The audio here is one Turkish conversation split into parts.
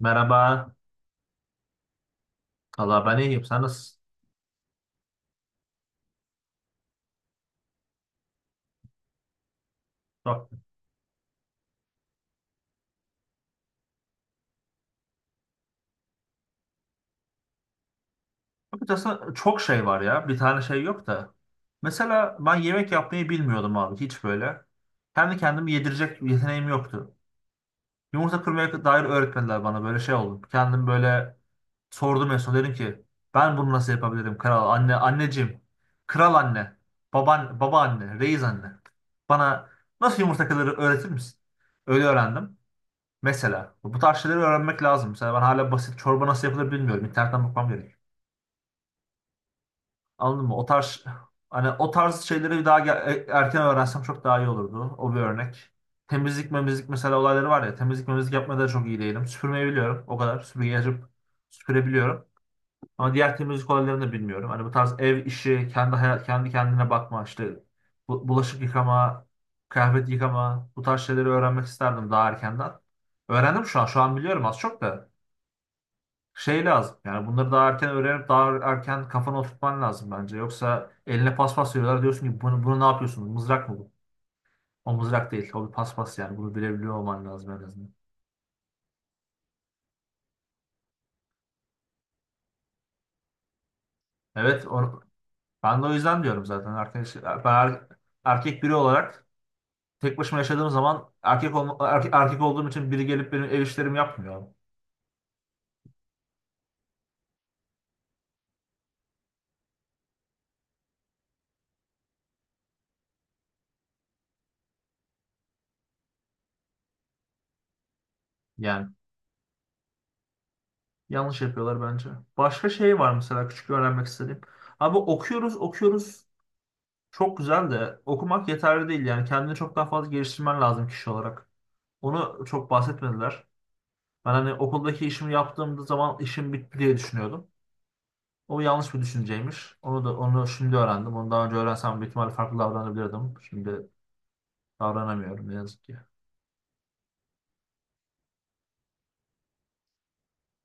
Merhaba. Allah ben iyiyim. Sen nasılsın? Çok. Açıkçası çok şey var ya. Bir tane şey yok da. Mesela ben yemek yapmayı bilmiyordum abi. Hiç böyle. Kendi kendimi yedirecek yeteneğim yoktu. Yumurta kırmaya dair öğretmediler bana. Böyle şey oldu. Kendim böyle sordum en son. Dedim ki ben bunu nasıl yapabilirim kral? Anne, anneciğim. Kral anne. Baban, baba anne. Reis anne. Bana nasıl yumurta kırılır öğretir misin? Öyle öğrendim. Mesela bu tarz şeyleri öğrenmek lazım. Mesela ben hala basit çorba nasıl yapılır bilmiyorum. İnternetten bakmam gerekiyor. Anladın mı? O tarz hani o tarz şeyleri daha erken öğrensem çok daha iyi olurdu. O bir örnek. Temizlik memizlik mesela olayları var ya. Temizlik memizlik yapmada da çok iyi değilim. Süpürmeyi biliyorum. O kadar. Süpürgeyi açıp süpürebiliyorum. Ama diğer temizlik olaylarını da bilmiyorum. Hani bu tarz ev işi, kendi hayat, kendi kendine bakma işte bulaşık yıkama, kıyafet yıkama bu tarz şeyleri öğrenmek isterdim daha erkenden. Öğrendim şu an. Şu an biliyorum az çok da. Şey lazım. Yani bunları daha erken öğrenip daha erken kafana oturtman lazım bence. Yoksa eline paspas veriyorlar diyorsun ki bunu ne yapıyorsunuz? Mızrak mı bu? O mızrak değil. O bir paspas yani. Bunu bilebiliyor olman lazım en azından. Evet onu, ben de o yüzden diyorum zaten. Arkadaş, ben erkek biri olarak tek başıma yaşadığım zaman erkek olduğum için biri gelip benim ev işlerimi yapmıyor. Yani yanlış yapıyorlar bence. Başka şey var mesela küçük öğrenmek istediğim. Abi okuyoruz okuyoruz. Çok güzel de okumak yeterli değil yani kendini çok daha fazla geliştirmen lazım kişi olarak. Onu çok bahsetmediler. Ben hani okuldaki işimi yaptığımda zaman işim bitti diye düşünüyordum. O yanlış bir düşünceymiş. Onu şimdi öğrendim. Onu daha önce öğrensem büyük ihtimalle farklı davranabilirdim. Şimdi davranamıyorum ne yazık ki.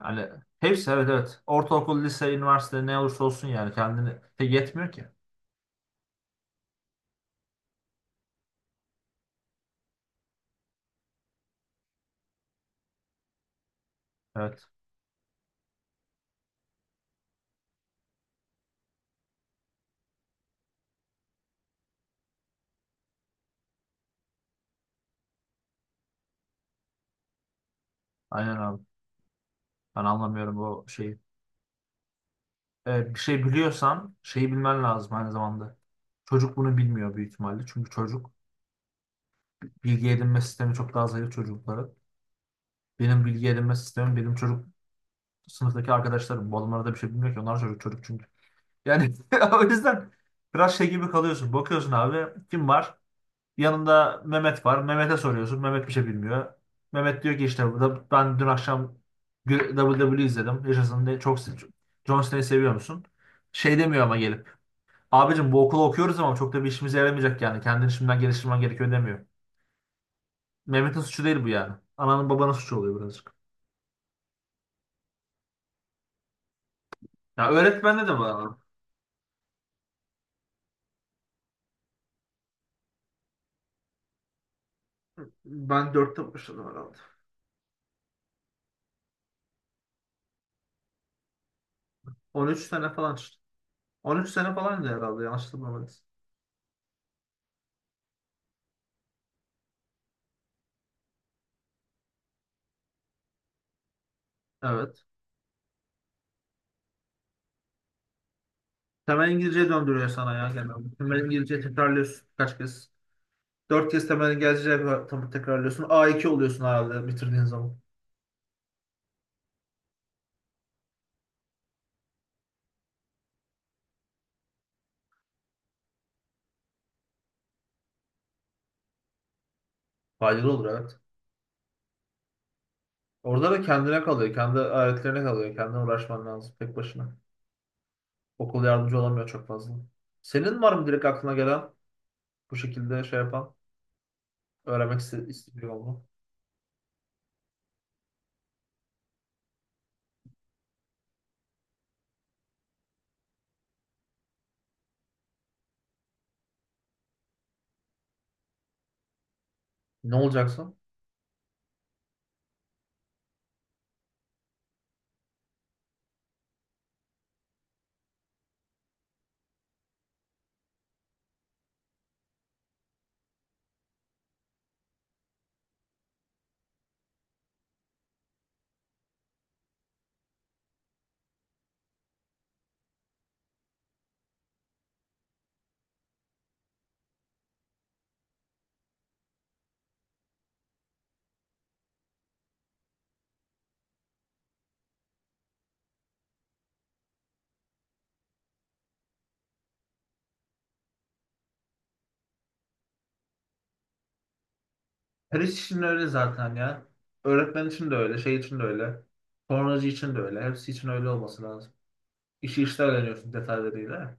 Yani hepsi, evet, evet. Ortaokul, lise, üniversite ne olursa olsun yani kendini. Tek yetmiyor ki. Evet. Aynen abi. Ben anlamıyorum bu şeyi. Bir şey biliyorsan şeyi bilmen lazım aynı zamanda. Çocuk bunu bilmiyor büyük ihtimalle. Çünkü çocuk bilgi edinme sistemi çok daha zayıf çocukların. Benim bilgi edinme sistemim benim çocuk sınıftaki arkadaşlarım. Bu adamlar da bir şey bilmiyor ki. Onlar çocuk çocuk çünkü. Yani o yüzden biraz şey gibi kalıyorsun. Bakıyorsun abi kim var? Yanında Mehmet var. Mehmet'e soruyorsun. Mehmet bir şey bilmiyor. Mehmet diyor ki işte ben dün akşam WWE izledim. Yaşasın diye çok John Cena'yı seviyor musun? Şey demiyor ama gelip. Abicim bu okulu okuyoruz ama çok da bir işimize yaramayacak yani. Kendini şimdiden geliştirmen gerekiyor demiyor. Mehmet'in suçu değil bu yani. Ananın babanın suçu oluyor birazcık. Ya öğretmende de var, abi. Ben 4'te başladım herhalde. On üç sene falan işte. On üç sene falan da herhalde yanlış hatırlamıyorsam. Evet. Temel İngilizce döndürüyor sana ya genelde. Temel İngilizce tekrarlıyorsun kaç kez. 4 kez temel İngilizce tekrarlıyorsun. A iki oluyorsun herhalde bitirdiğin zaman. Faydalı olur evet. Orada da kendine kalıyor. Kendi aletlerine kalıyor. Kendine uğraşman lazım tek başına. Okul yardımcı olamıyor çok fazla. Senin var mı direkt aklına gelen bu şekilde şey yapan, öğrenmek istediği oldu? Ne olacaksın? Her iş için öyle zaten ya. Öğretmen için de öyle, şey için de öyle. Sonracı için de öyle. Hepsi için öyle olması lazım. İşi işte öğreniyorsun detaylarıyla.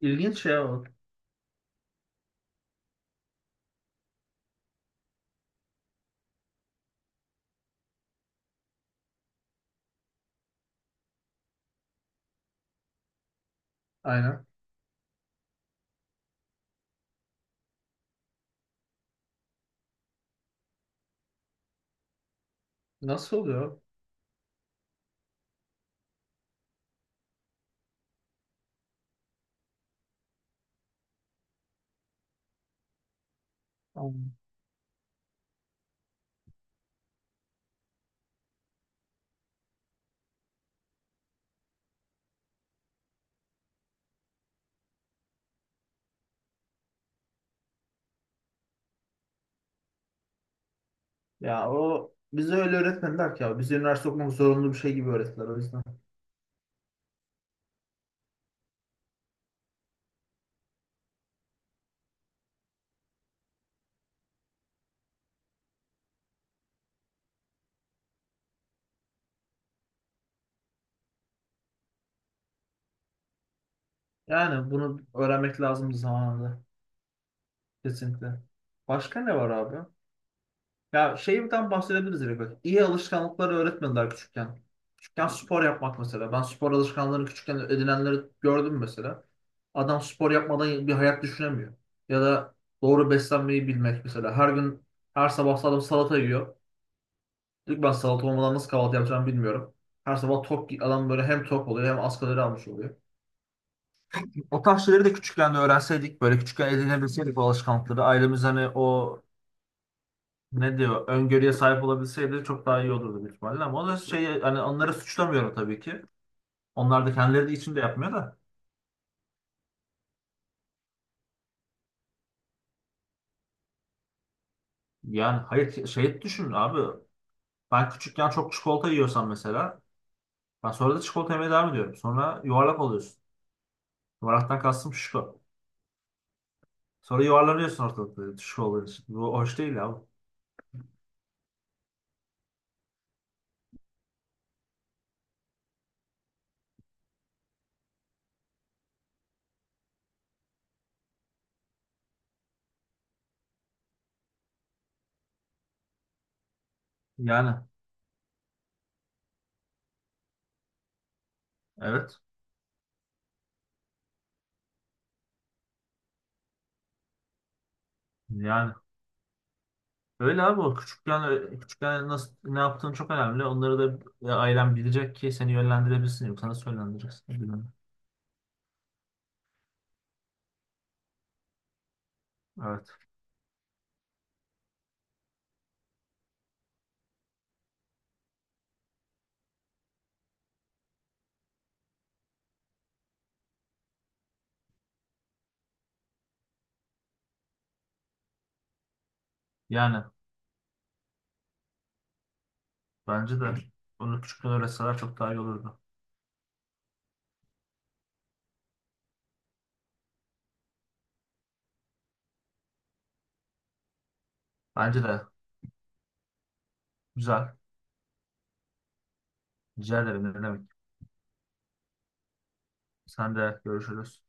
İlginç şey o. Aynen. Nasıl oluyor? Anladım. Ya o bize öyle öğretmediler ki ya. Bize üniversite okumak zorunlu bir şey gibi öğrettiler o yüzden. Yani bunu öğrenmek lazımdı zamanında. Kesinlikle. Başka ne var abi? Ya şeyden bahsedebiliriz direkt. Bak. İyi alışkanlıkları öğretmediler küçükken. Küçükken spor yapmak mesela. Ben spor alışkanlığını küçükken edinenleri gördüm mesela. Adam spor yapmadan bir hayat düşünemiyor. Ya da doğru beslenmeyi bilmek mesela. Her gün, her sabah adam salata yiyor. Diyor ki ben salata olmadan nasıl kahvaltı yapacağımı bilmiyorum. Her sabah tok adam böyle hem tok oluyor hem az kalori almış oluyor. O tarz şeyleri de küçükken de öğrenseydik, böyle küçükken edinebilseydik bu alışkanlıkları. Ailemiz hani o ne diyor öngörüye sahip olabilseydi çok daha iyi olurdu büyük ihtimalle ama o da şey hani onları suçlamıyorum tabii ki. Onlar da kendileri de içinde yapmıyor da. Yani hayır şey düşün abi. Ben küçükken çok çikolata yiyorsam mesela ben sonra da çikolata yemeye devam ediyorum. Sonra yuvarlak oluyorsun. Yuvarlaktan kastım şişko. Sonra yuvarlanıyorsun ortalıkta şişko olduğun için. Bu hoş değil abi. Yani evet. Yani öyle abi o küçükken küçükken nasıl ne yaptığın çok önemli. Onları da ailen bilecek ki seni yönlendirebilsin. Yoksa nasıl yönlendireceksin? Bilmiyorum. Evet. Yani bence de bunu küçükken öğretseler çok daha iyi olurdu. Bence de güzel. Rica ederim ne demek. Sen de görüşürüz.